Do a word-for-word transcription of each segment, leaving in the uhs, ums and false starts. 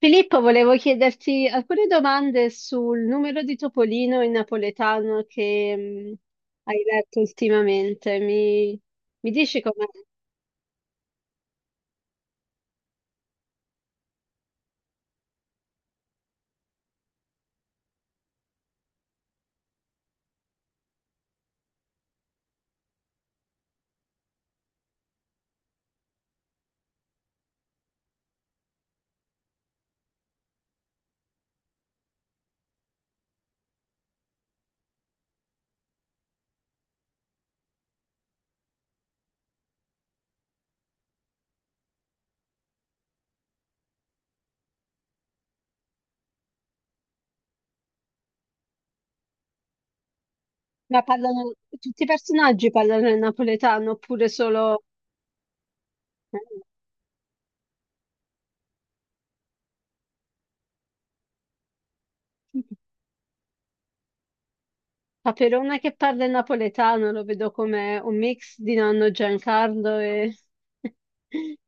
Filippo, volevo chiederti alcune domande sul numero di Topolino in napoletano che mh, hai letto ultimamente. Mi, mi dici com'è? Ma parlano, Tutti i personaggi parlano il napoletano oppure solo. eh, Paperone che parla il napoletano, lo vedo come un mix di nonno Giancarlo e.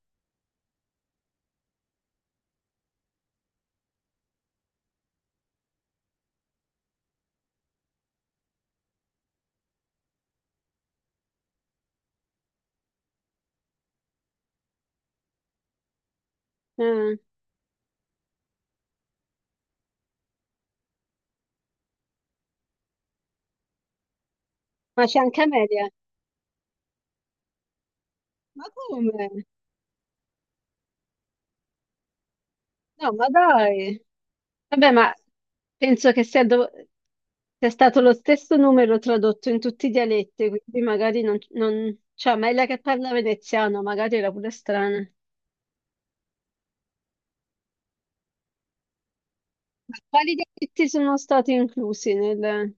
Eh, Ma c'è anche Amelia. Ma come? No, ma dai! Vabbè, ma penso che sia, dov- sia stato lo stesso numero tradotto in tutti i dialetti, quindi magari non, non... Cioè, ma è la che parla veneziano, magari era pure strana. Ma quali dialetti sono stati inclusi nel.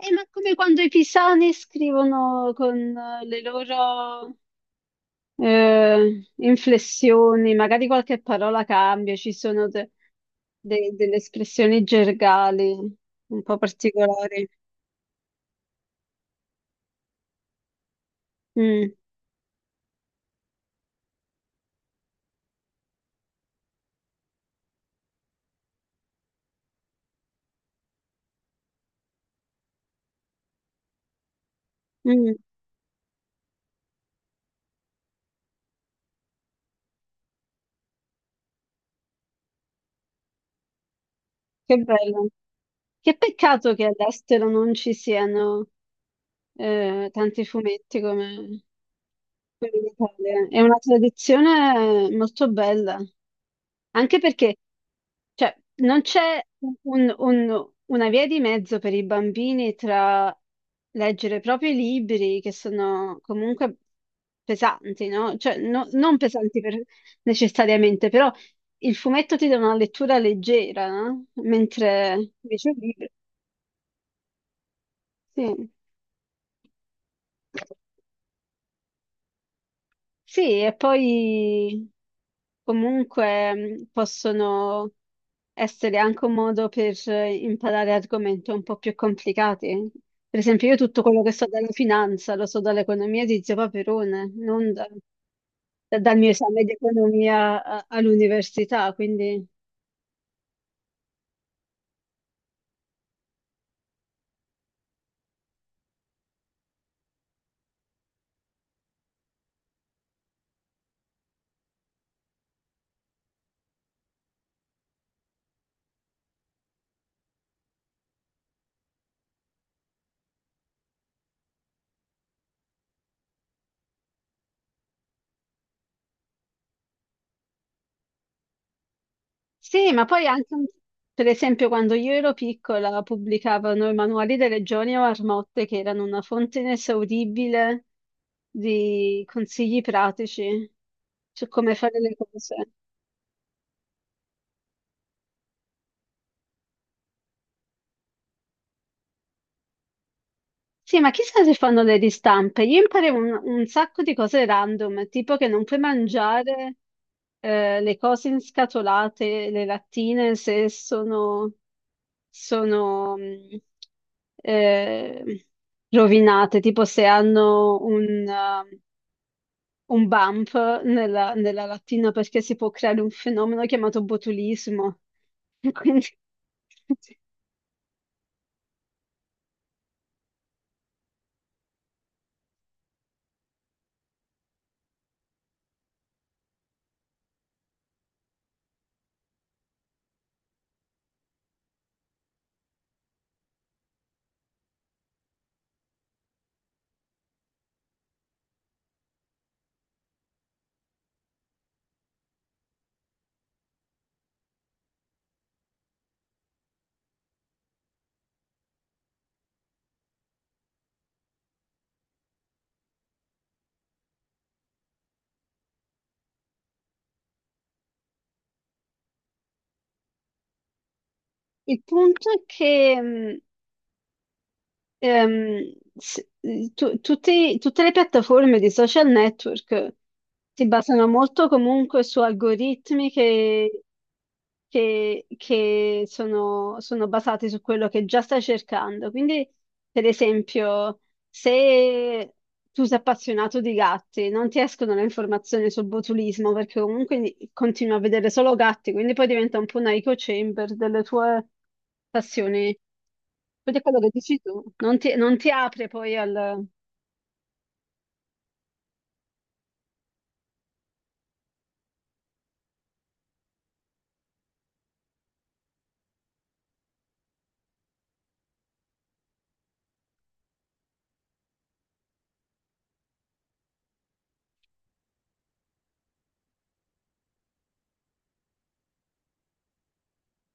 Eh, ma come quando i pisani scrivono con eh, le loro eh, inflessioni, magari qualche parola cambia, ci sono de- de- delle espressioni gergali un po' particolari. Mm, mm. Che bello. Che peccato che all'estero non ci siano eh, tanti fumetti come, come in Italia. È una tradizione molto bella, anche perché cioè, non c'è un- un- una via di mezzo per i bambini tra leggere proprio i libri che sono comunque pesanti, no? Cioè, no- non pesanti per- necessariamente, però il fumetto ti dà una lettura leggera, no? Mentre invece il libro. Sì. Sì, e poi comunque mh, possono essere anche un modo per eh, imparare argomenti un po' più complicati. Per esempio, io tutto quello che so dalla finanza lo so dall'economia di Zio Paperone, non da- dal mio esame di economia a- all'università, quindi. Sì, ma poi anche, un- per esempio, quando io ero piccola pubblicavano i manuali delle Regioni o Marmotte, che erano una fonte inesauribile di consigli pratici su come fare le cose. Sì, ma chissà se fanno le ristampe. Io imparavo un, un sacco di cose random, tipo che non puoi mangiare eh, le cose inscatolate, le lattine, se sono, sono mh, eh, rovinate, tipo se hanno un, eh, un bump nella, nella lattina, perché si può creare un fenomeno chiamato botulismo. Quindi, il punto è che... mh, ehm, s- tu- tutti- tutte le piattaforme di social network si basano molto comunque su algoritmi che, che- che sono, sono basati su quello che già stai cercando. Quindi, per esempio, se tu sei appassionato di gatti, non ti escono le informazioni sul botulismo perché comunque ni- continui a vedere solo gatti, quindi poi diventa un po' una echo chamber delle tue passioni. Vedi quello che dici tu, non ti, non ti apre poi al.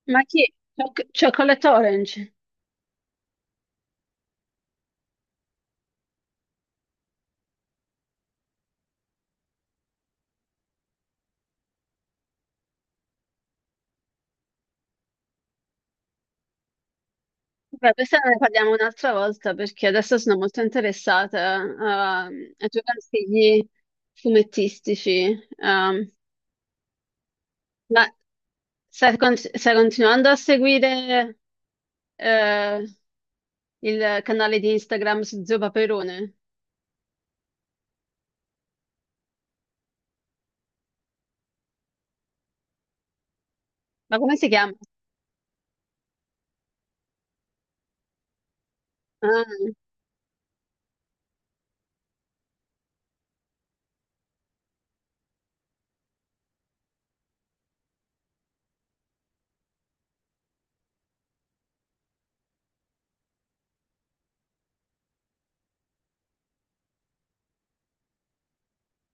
Ma chi? Choc- Chocolate Orange. Beh, questa ne parliamo un'altra volta perché adesso sono molto interessata a, a giocattoli fumettistici. Um, ma stai, con- stai continuando a seguire eh, il canale di Instagram su Zio Paperone? Ma come si chiama? Ah,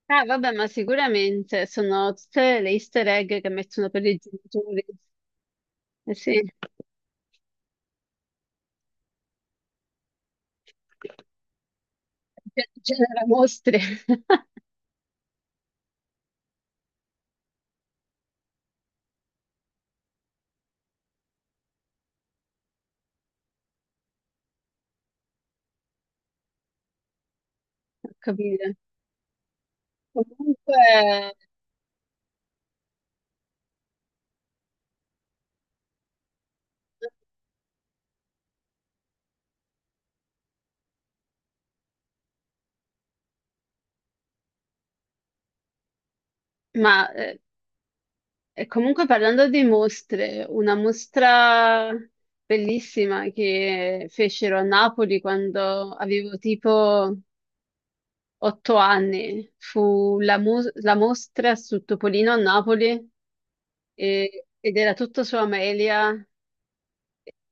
ah, vabbè, ma sicuramente sono tutte le easter egg che mettono per i genitori. Eh sì, ge- genera mostre. Ho capito. Comunque, ma eh, e comunque parlando di mostre, una mostra bellissima che fecero a Napoli quando avevo tipo otto anni fu la, mu- la mostra su Topolino a Napoli e- ed era tutto su Amelia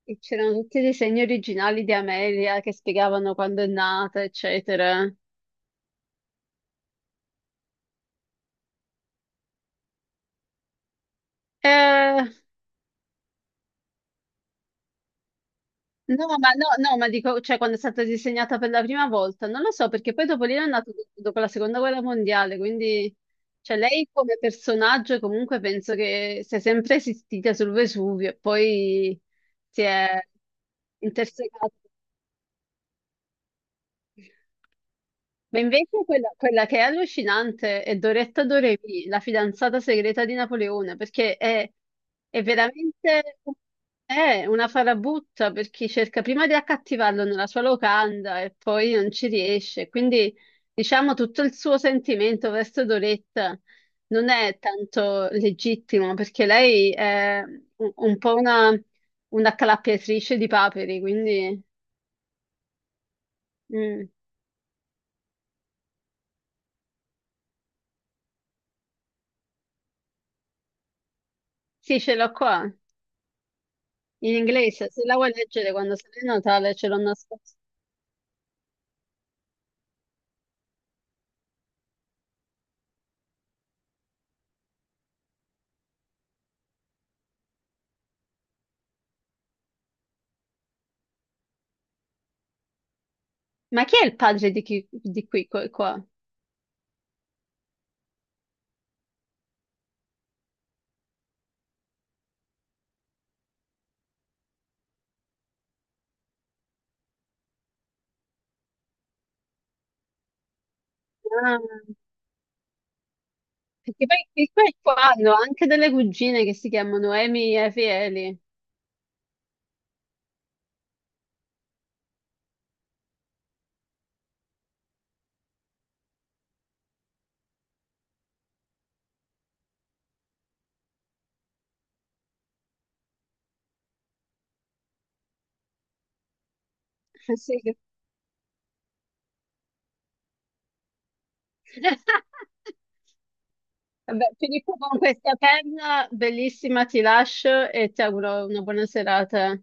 e c'erano tutti i disegni originali di Amelia che spiegavano quando è nata, eccetera. Eh, No, ma no, no, ma dico, cioè quando è stata disegnata per la prima volta, non lo so, perché poi dopo lì è nato do- dopo la seconda guerra mondiale, quindi cioè lei come personaggio comunque penso che sia sempre esistita sul Vesuvio e poi si è intersecata. Ma invece quella, quella che è allucinante è Doretta Doremi, la fidanzata segreta di Napoleone, perché è, è veramente è una farabutta per chi cerca prima di accattivarlo nella sua locanda e poi non ci riesce. Quindi diciamo tutto il suo sentimento verso Doretta non è tanto legittimo perché lei è un, un po' una, una accalappiatrice di paperi, quindi mm, sì, ce l'ho qua. In inglese, se la vuoi leggere quando sei Natale ce l'ho nascosta. Ma chi è il padre di, chi, di qui, qua? Qua? Ah, perché poi qui, qua e qua hanno anche delle cugine che si chiamano Amy e Fieli. Sì. Vabbè, finisco con questa perla bellissima, ti lascio e ti auguro una buona serata.